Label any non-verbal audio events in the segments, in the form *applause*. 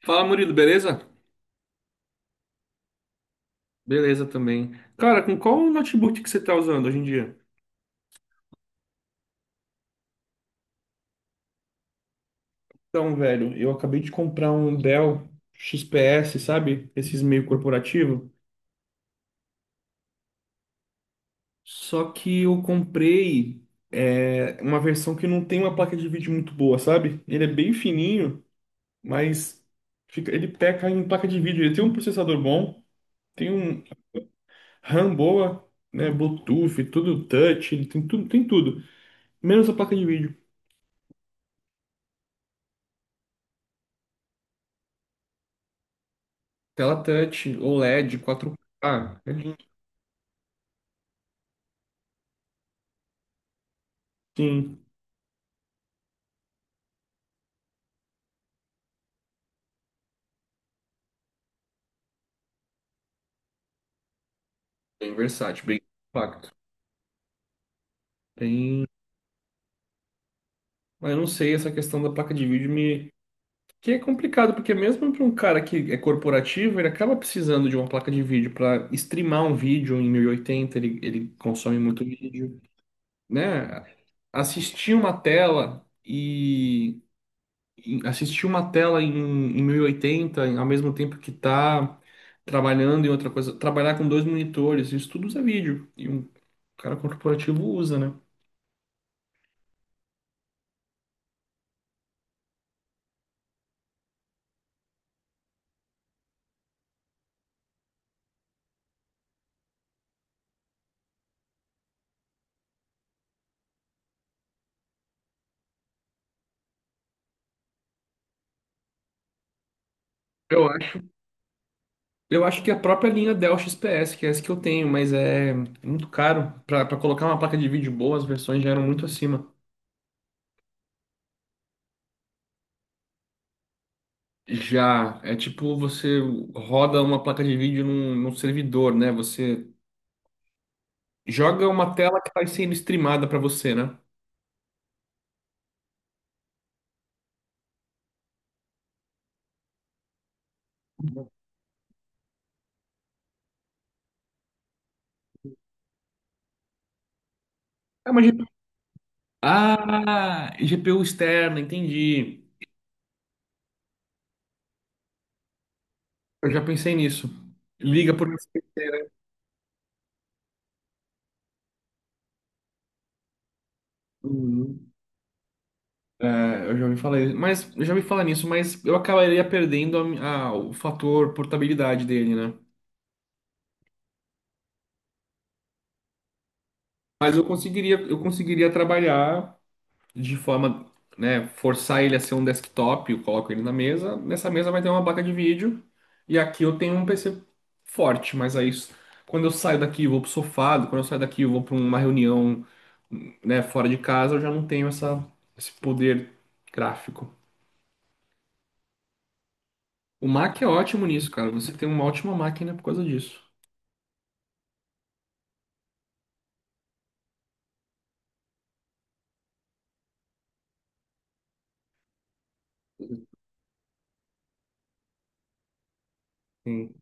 Fala, Murilo, beleza? Beleza também. Cara, com qual notebook que você tá usando hoje em dia? Então, velho, eu acabei de comprar um Dell XPS, sabe? Esses meio corporativo. Só que eu comprei uma versão que não tem uma placa de vídeo muito boa, sabe? Ele é bem fininho, mas ele peca em placa de vídeo. Ele tem um processador bom, tem um RAM boa, né? Bluetooth, tudo touch, ele tem tudo, tem tudo. Menos a placa de vídeo. Tela touch, OLED, 4K. É lindo. Sim. Bem versátil, bem compacto. Tem... Mas eu não sei, essa questão da placa de vídeo me... Que é complicado, porque mesmo para um cara que é corporativo, ele acaba precisando de uma placa de vídeo para streamar um vídeo em 1080. Ele consome muito vídeo, né? Assistir uma tela e assistir uma tela em 1080, ao mesmo tempo que tá trabalhando em outra coisa, trabalhar com dois monitores, isso tudo usa vídeo. O cara corporativo usa, né? Eu acho, eu acho que a própria linha Dell XPS, que é essa que eu tenho, mas é muito caro. Pra colocar uma placa de vídeo boa, as versões já eram muito acima. Já, é tipo você roda uma placa de vídeo num servidor, né? Você joga uma tela que está sendo streamada para você, né? É uma GPU. Ah, GPU externa, entendi. Eu já pensei nisso. Liga por USB, né? Uhum. É, eu já me falei, mas eu já me falar nisso, mas eu acabaria perdendo o fator portabilidade dele, né? Mas eu conseguiria trabalhar de forma, né, forçar ele a ser um desktop, eu coloco ele na mesa, nessa mesa vai ter uma placa de vídeo e aqui eu tenho um PC forte, mas aí quando eu saio daqui eu vou pro sofá, quando eu saio daqui eu vou para uma reunião, né, fora de casa, eu já não tenho essa, esse poder gráfico. O Mac é ótimo nisso, cara. Você tem uma ótima máquina por causa disso. Sim.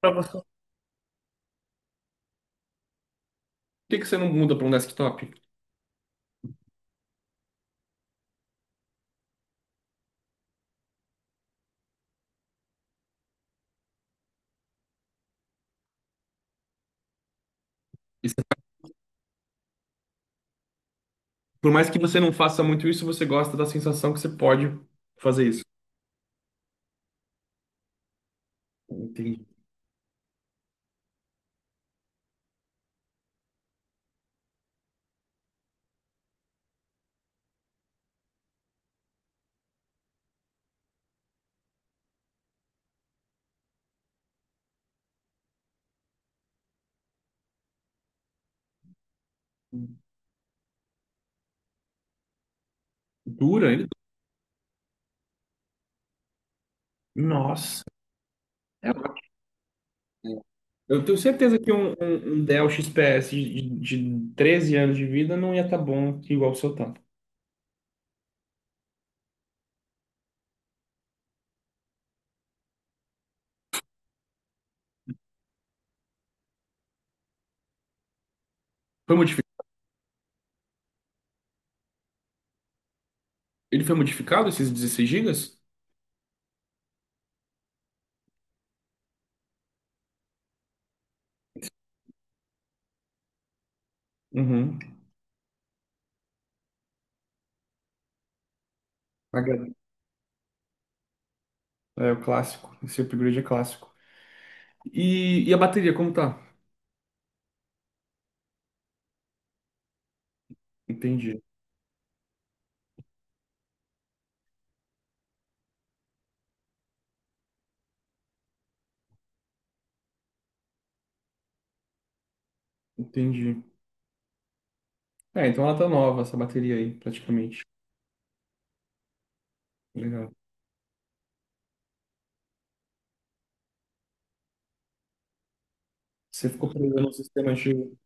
Pra você, por que que você não muda para um desktop? Isso- Por mais que você não faça muito isso, você gosta da sensação que você pode fazer isso. Entendi. Dura ele? Nossa, é ótimo. Eu tenho certeza que um Dell XPS de 13 anos de vida não ia estar bom igual o seu tanto. Foi modifi- Ele foi modificado, esses 16 gigas? Uhum. HD. É o clássico. Esse upgrade é clássico. E a bateria, como tá? Entendi, entendi. É, então ela tá nova, essa bateria aí, praticamente. Legal. Você ficou preso no sistema antigo.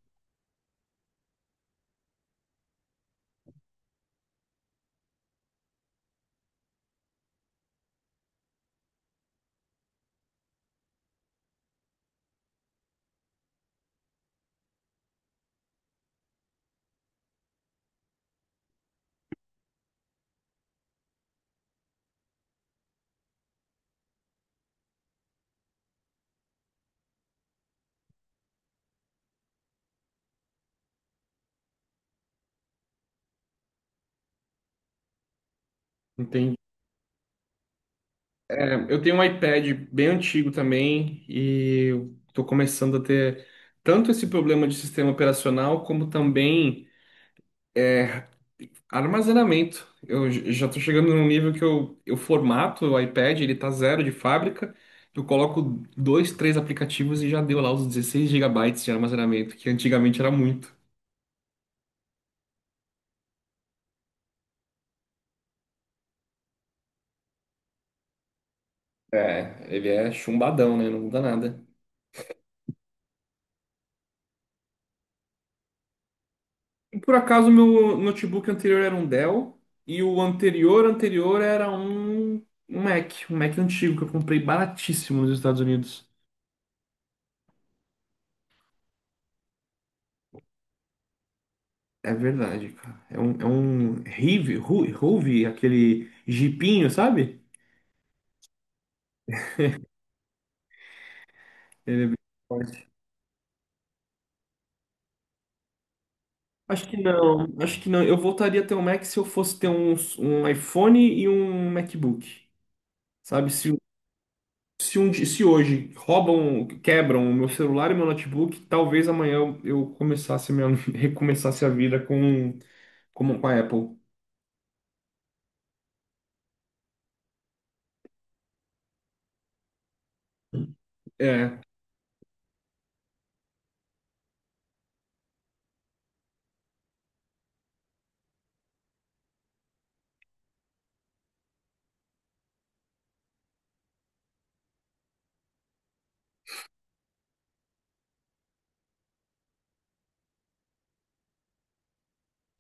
Entendi. É, eu tenho um iPad bem antigo também e estou começando a ter tanto esse problema de sistema operacional como também é, armazenamento. Eu já estou chegando num nível que eu formato o iPad, ele tá zero de fábrica, eu coloco dois, três aplicativos e já deu lá os 16 gigabytes de armazenamento, que antigamente era muito. É, ele é chumbadão, né? Não muda nada. Por acaso, meu notebook anterior era um Dell e o anterior anterior era um Mac, um Mac antigo que eu comprei baratíssimo nos Estados Unidos. É verdade, cara. É um Rive, Ruve, aquele jipinho, sabe? Forte. Acho que não, acho que não. Eu voltaria a ter um Mac se eu fosse ter um iPhone e um MacBook, sabe? Se, se hoje roubam, quebram o meu celular e meu notebook, talvez amanhã eu *laughs* recomeçasse a vida com, a Apple. É,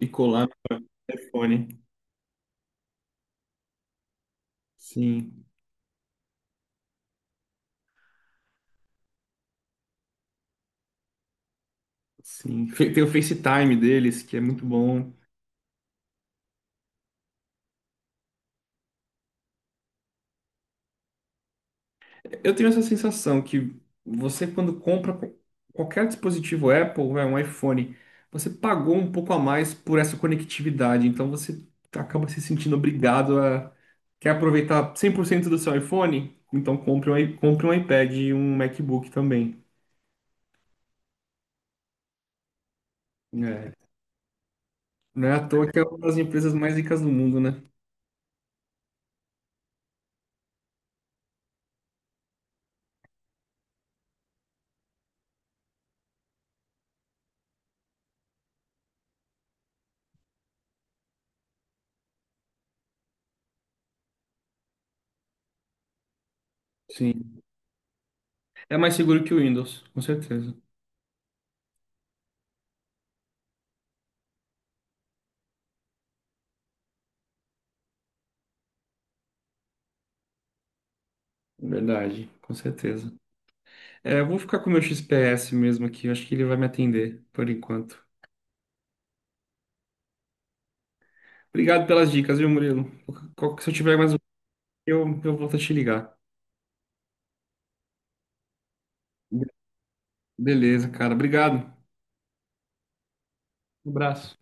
e colar no telefone. Sim, sim. Tem o FaceTime deles, que é muito bom. Eu tenho essa sensação que você, quando compra qualquer dispositivo Apple, vai, um iPhone, você pagou um pouco a mais por essa conectividade. Então você acaba se sentindo obrigado a. Quer aproveitar 100% do seu iPhone? Então compre um iPad e um MacBook também. É. Não é à toa que é uma das empresas mais ricas do mundo, né? Sim. É mais seguro que o Windows, com certeza. Verdade, com certeza. É, eu vou ficar com o meu XPS mesmo aqui, eu acho que ele vai me atender por enquanto. Obrigado pelas dicas, viu, Murilo? Se eu tiver mais um, eu volto a te ligar. Beleza, cara. Obrigado. Um abraço.